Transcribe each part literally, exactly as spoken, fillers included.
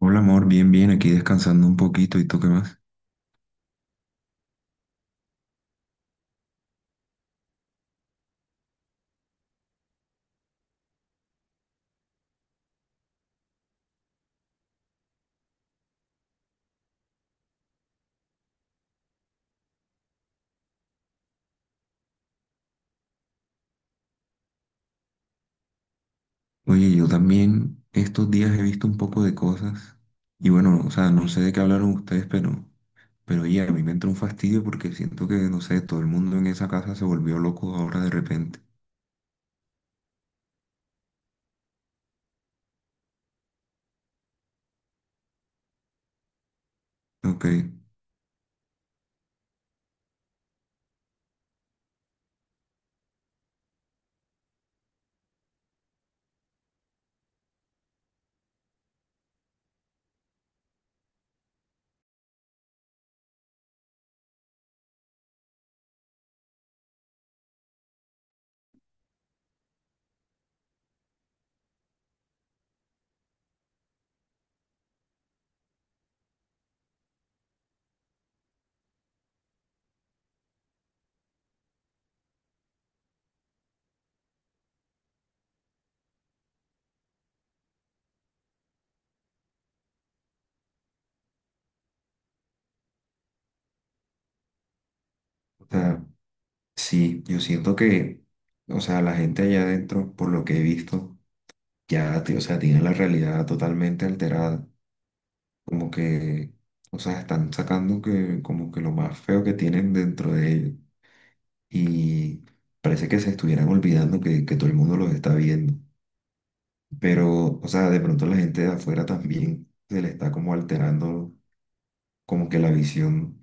Hola amor, bien, bien, aquí descansando un poquito, ¿y tú qué más? Oye, yo también estos días he visto un poco de cosas y bueno, o sea, no sé de qué hablaron ustedes, pero, pero oye, a mí me entró un fastidio porque siento que, no sé, todo el mundo en esa casa se volvió loco ahora de repente, ¿ok? O sea, sí, yo siento que, o sea, la gente allá adentro, por lo que he visto, ya, ti- o sea, tiene la realidad totalmente alterada, como que, o sea, están sacando que, como que lo más feo que tienen dentro de ellos. Y parece que se estuvieran olvidando que, que todo el mundo los está viendo. Pero, o sea, de pronto la gente de afuera también se le está como alterando como que la visión,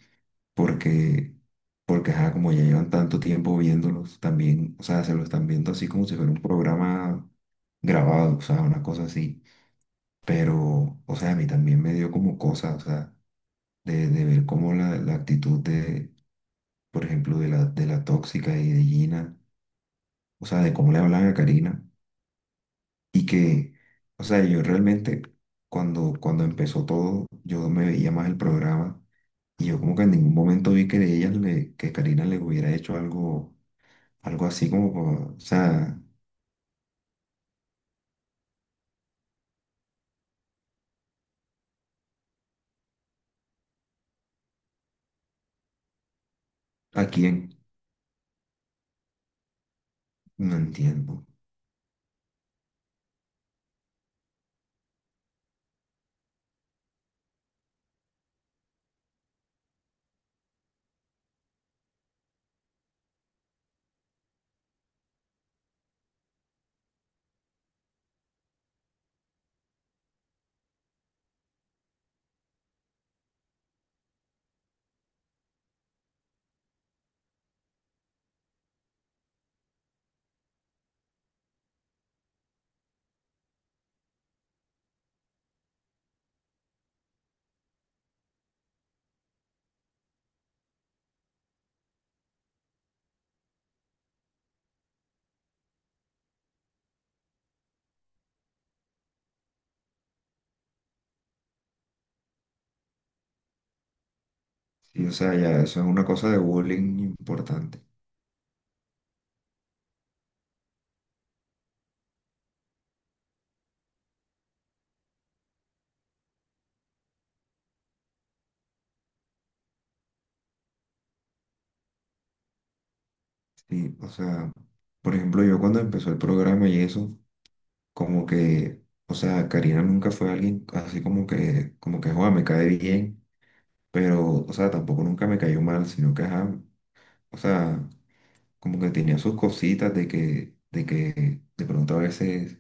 porque, porque ajá, como ya llevan tanto tiempo viéndolos, también, o sea, se lo están viendo así como si fuera un programa grabado, o sea, una cosa así. Pero, o sea, a mí también me dio como cosa, o sea, de, de ver cómo la, la actitud de, por ejemplo, de la, de la tóxica y de Gina, o sea, de cómo le hablan a Karina. Y que, o sea, yo realmente cuando, cuando empezó todo, yo me veía más el programa y yo como que en ningún momento vi que de ellas le, que Karina le hubiera hecho algo, algo así como, pa- o sea, ¿a quién? No entiendo. Y, o sea, ya eso es una cosa de bullying importante. Sí, o sea, por ejemplo, yo cuando empezó el programa y eso, como que, o sea, Karina nunca fue alguien así como que, como que, joder, me cae bien, pero, o sea, tampoco nunca me cayó mal, sino que, ajá, o sea, como que tenía sus cositas de que, de que de pronto a veces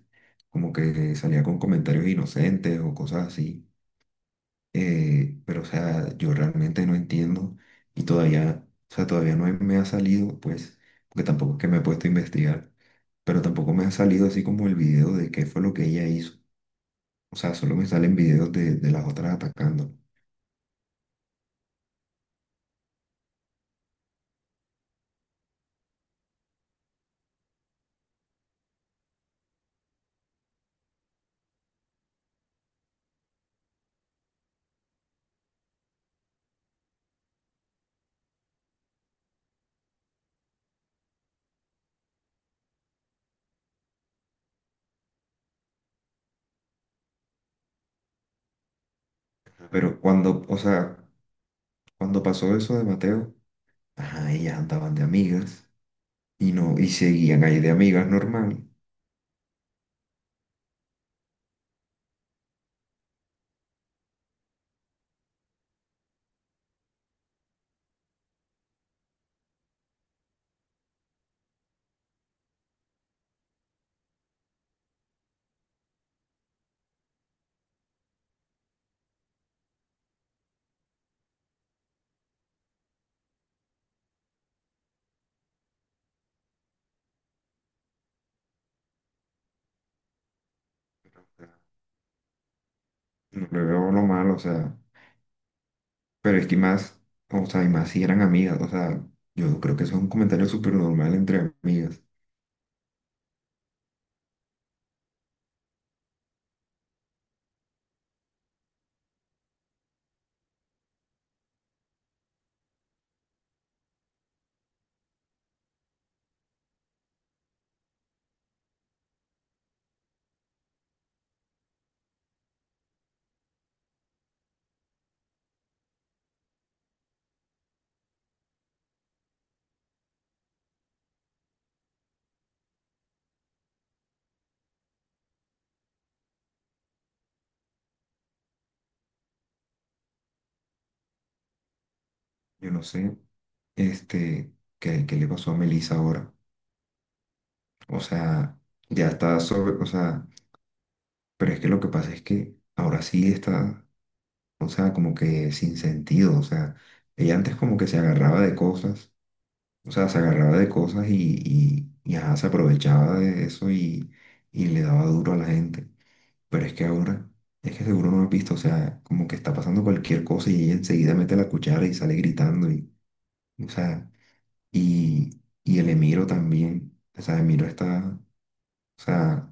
como que salía con comentarios inocentes o cosas así. Eh, pero, o sea, yo realmente no entiendo y todavía, o sea, todavía no me ha salido, pues, porque tampoco es que me he puesto a investigar, pero tampoco me ha salido así como el video de qué fue lo que ella hizo. O sea, solo me salen videos de, de las otras atacando. Pero cuando, o sea, cuando pasó eso de Mateo, ajá, ellas andaban de amigas y no, y seguían ahí de amigas normal. Pero, o sea, no le veo lo malo, o sea, pero es que más, o sea, y más si eran amigas, o sea, yo creo que eso es un comentario súper normal entre amigas. Yo no sé, este, qué, qué le pasó a Melissa ahora. O sea, ya está sobre, o sea, pero es que lo que pasa es que ahora sí está, o sea, como que sin sentido, o sea, ella antes como que se agarraba de cosas. O sea, se agarraba de cosas y, y, y, ajá, se aprovechaba de eso y, y le daba duro a la gente. Pero es que ahora, es que seguro no has visto, o sea, como que está pasando cualquier cosa y ella enseguida mete la cuchara y sale gritando. Y, o sea, y, y el Emiro también, o sea, Emiro está, o sea,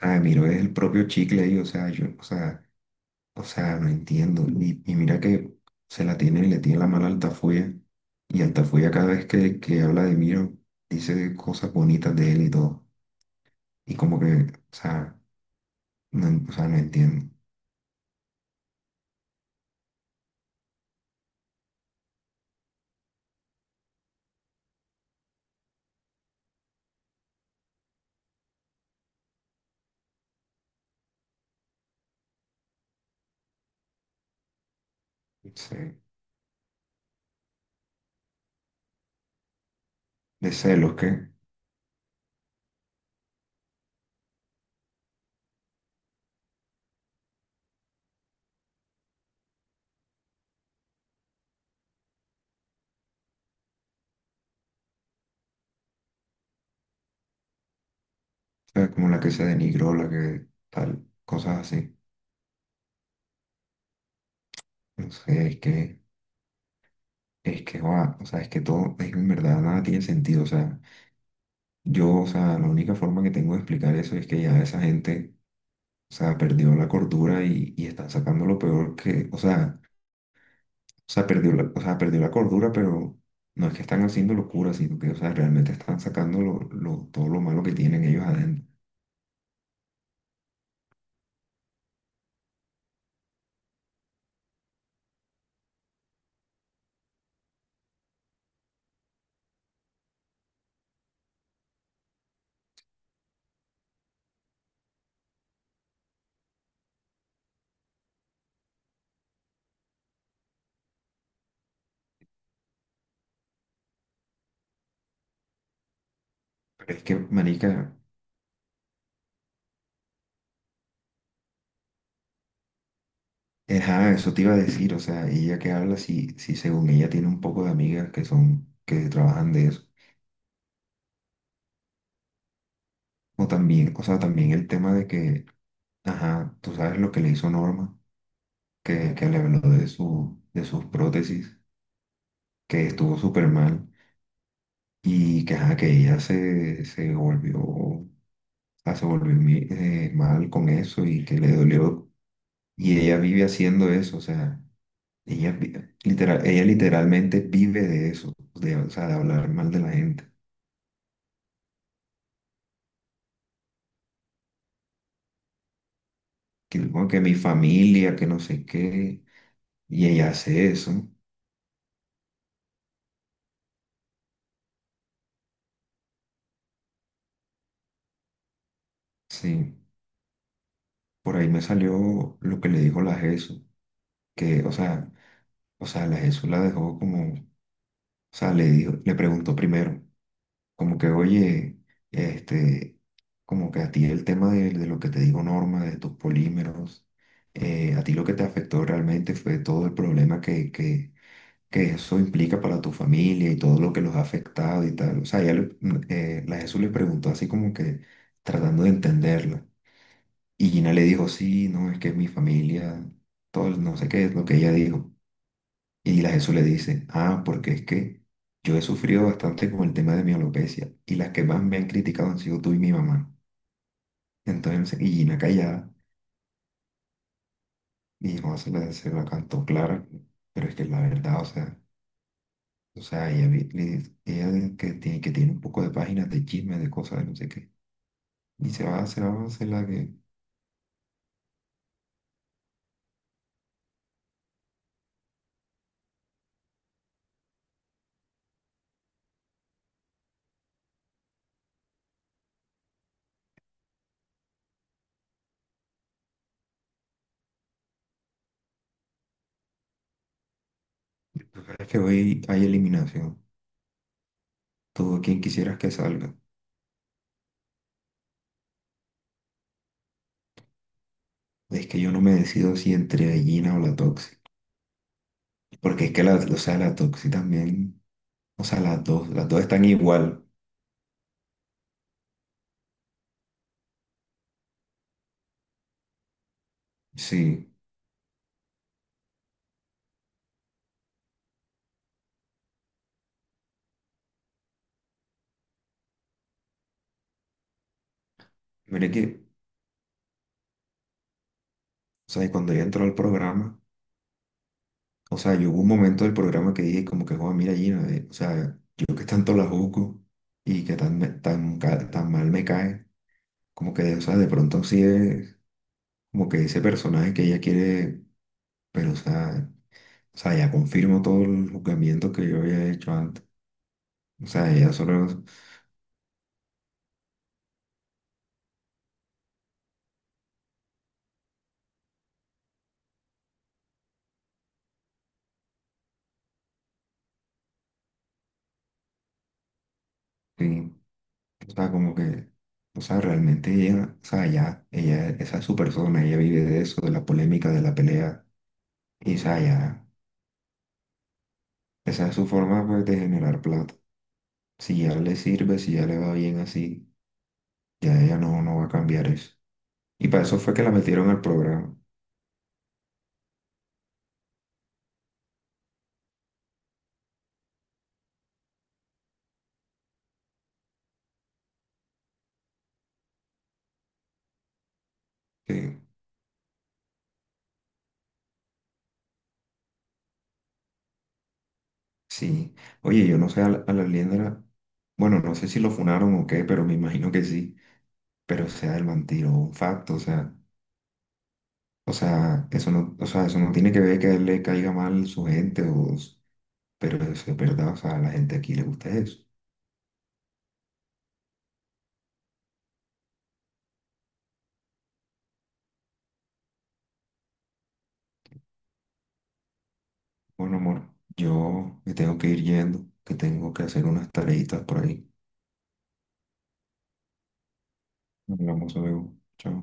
ah, Emiro es el propio chicle ahí, o sea, yo, o sea, o sea, no entiendo. Y, y mira que se la tiene y le tiene la mano alta. Y Altafulla cada vez que, que habla de Miro, dice cosas bonitas de él y todo. Y como que, o sea, no, en- o sea, no entiendo. Se- De celos, que, o sea, como la que se denigró, la que tal, cosas así. No sé, es que, es que, va, o sea, es que todo, es que en verdad nada tiene sentido. O sea, yo, o sea, la única forma que tengo de explicar eso es que ya esa gente, o sea, perdió la cordura y, y están sacando lo peor que, o sea, o sea, perdió la, o sea, perdió la cordura, pero no es que están haciendo locura, sino que, o sea, realmente están sacando lo, lo- todo lo malo que tienen ellos adentro. Pero es que, marica, eh, ajá, eso te iba a decir, o sea, ella que habla, si, si según ella tiene un poco de amigas que son, que trabajan de eso. O también, o sea, también el tema de que, ajá, tú sabes lo que le hizo Norma, que, que le habló de su, de sus prótesis, que estuvo súper mal y que, ajá, que ella se, se volvió sea, se volvió mi- eh, mal con eso y que le dolió. Y ella vive haciendo eso, o sea, ella, vi- literal, ella literalmente vive de eso, de, o sea, de hablar mal de la gente. Que, no, que mi familia, que no sé qué, y ella hace eso. Sí, por ahí me salió lo que le dijo la Jesús, que, o sea, o sea, la Jesús la dejó como, o sea, le dijo, le preguntó primero, como que, oye, este, como que a ti el tema de, de lo que te digo Norma, de tus polímeros, eh, a ti lo que te afectó realmente fue todo el problema que, que, que eso implica para tu familia y todo lo que los ha afectado y tal. O sea, ella le- mm, eh, la Jesús le preguntó así como que tratando de entenderla. Y Gina le dijo, sí, no, es que mi familia, todo, el no sé qué es lo que ella dijo. Y la Jesús le dice, ah, porque es que yo he sufrido bastante con el tema de mi alopecia y las que más me han criticado han sido tú y mi mamá. Entonces, y Gina callada, y Juan se la, se la cantó clara, pero es que la verdad, o sea, o sea, ella, vi- le- ella de- que tiene, que tiene un poco de páginas de chismes, de cosas, de no sé qué, y se va, se la va a hacer la que... Lo que pasa es que hoy hay eliminación, todo quien quisieras que salga. Es que yo no me decido si entre Gina o la Toxi, porque es que la, o sea, la Toxi también... O sea, las dos, las dos están igual. Sí. Mire que, o sea, y cuando ella entró al programa, o sea, yo hubo un momento del programa que dije como que, joder, mira Gina, eh, o sea, yo que tanto la juzgo y que tan, me- tan, ca- tan mal me cae, como que, o sea, de pronto sí es como que ese personaje que ella quiere, pero, o sea, o sea, ya confirmo todo el juzgamiento que yo había hecho antes. O sea, ella solo, sí, o sea, como que, o sea, realmente ella, o sea, ya, ella, esa es su persona, ella vive de eso, de la polémica, de la pelea, y o sea, ya, esa es su forma, pues, de generar plata. Si ya le sirve, si ya le va bien así, ya ella no, no va a cambiar eso. Y para eso fue que la metieron al programa. Sí, sí. Oye, yo no sé a la, a la Liendra, bueno, no sé si lo funaron o qué, pero me imagino que sí. Pero, o sea, el man tiró un facto, o sea, o sea, eso no, o sea, eso no tiene que ver que a él le caiga mal su gente o pero eso es verdad, o sea, a la gente aquí le gusta eso. Bueno, amor, yo me tengo que ir yendo, que tengo que hacer unas tareitas por ahí. Hablamos luego. Chao.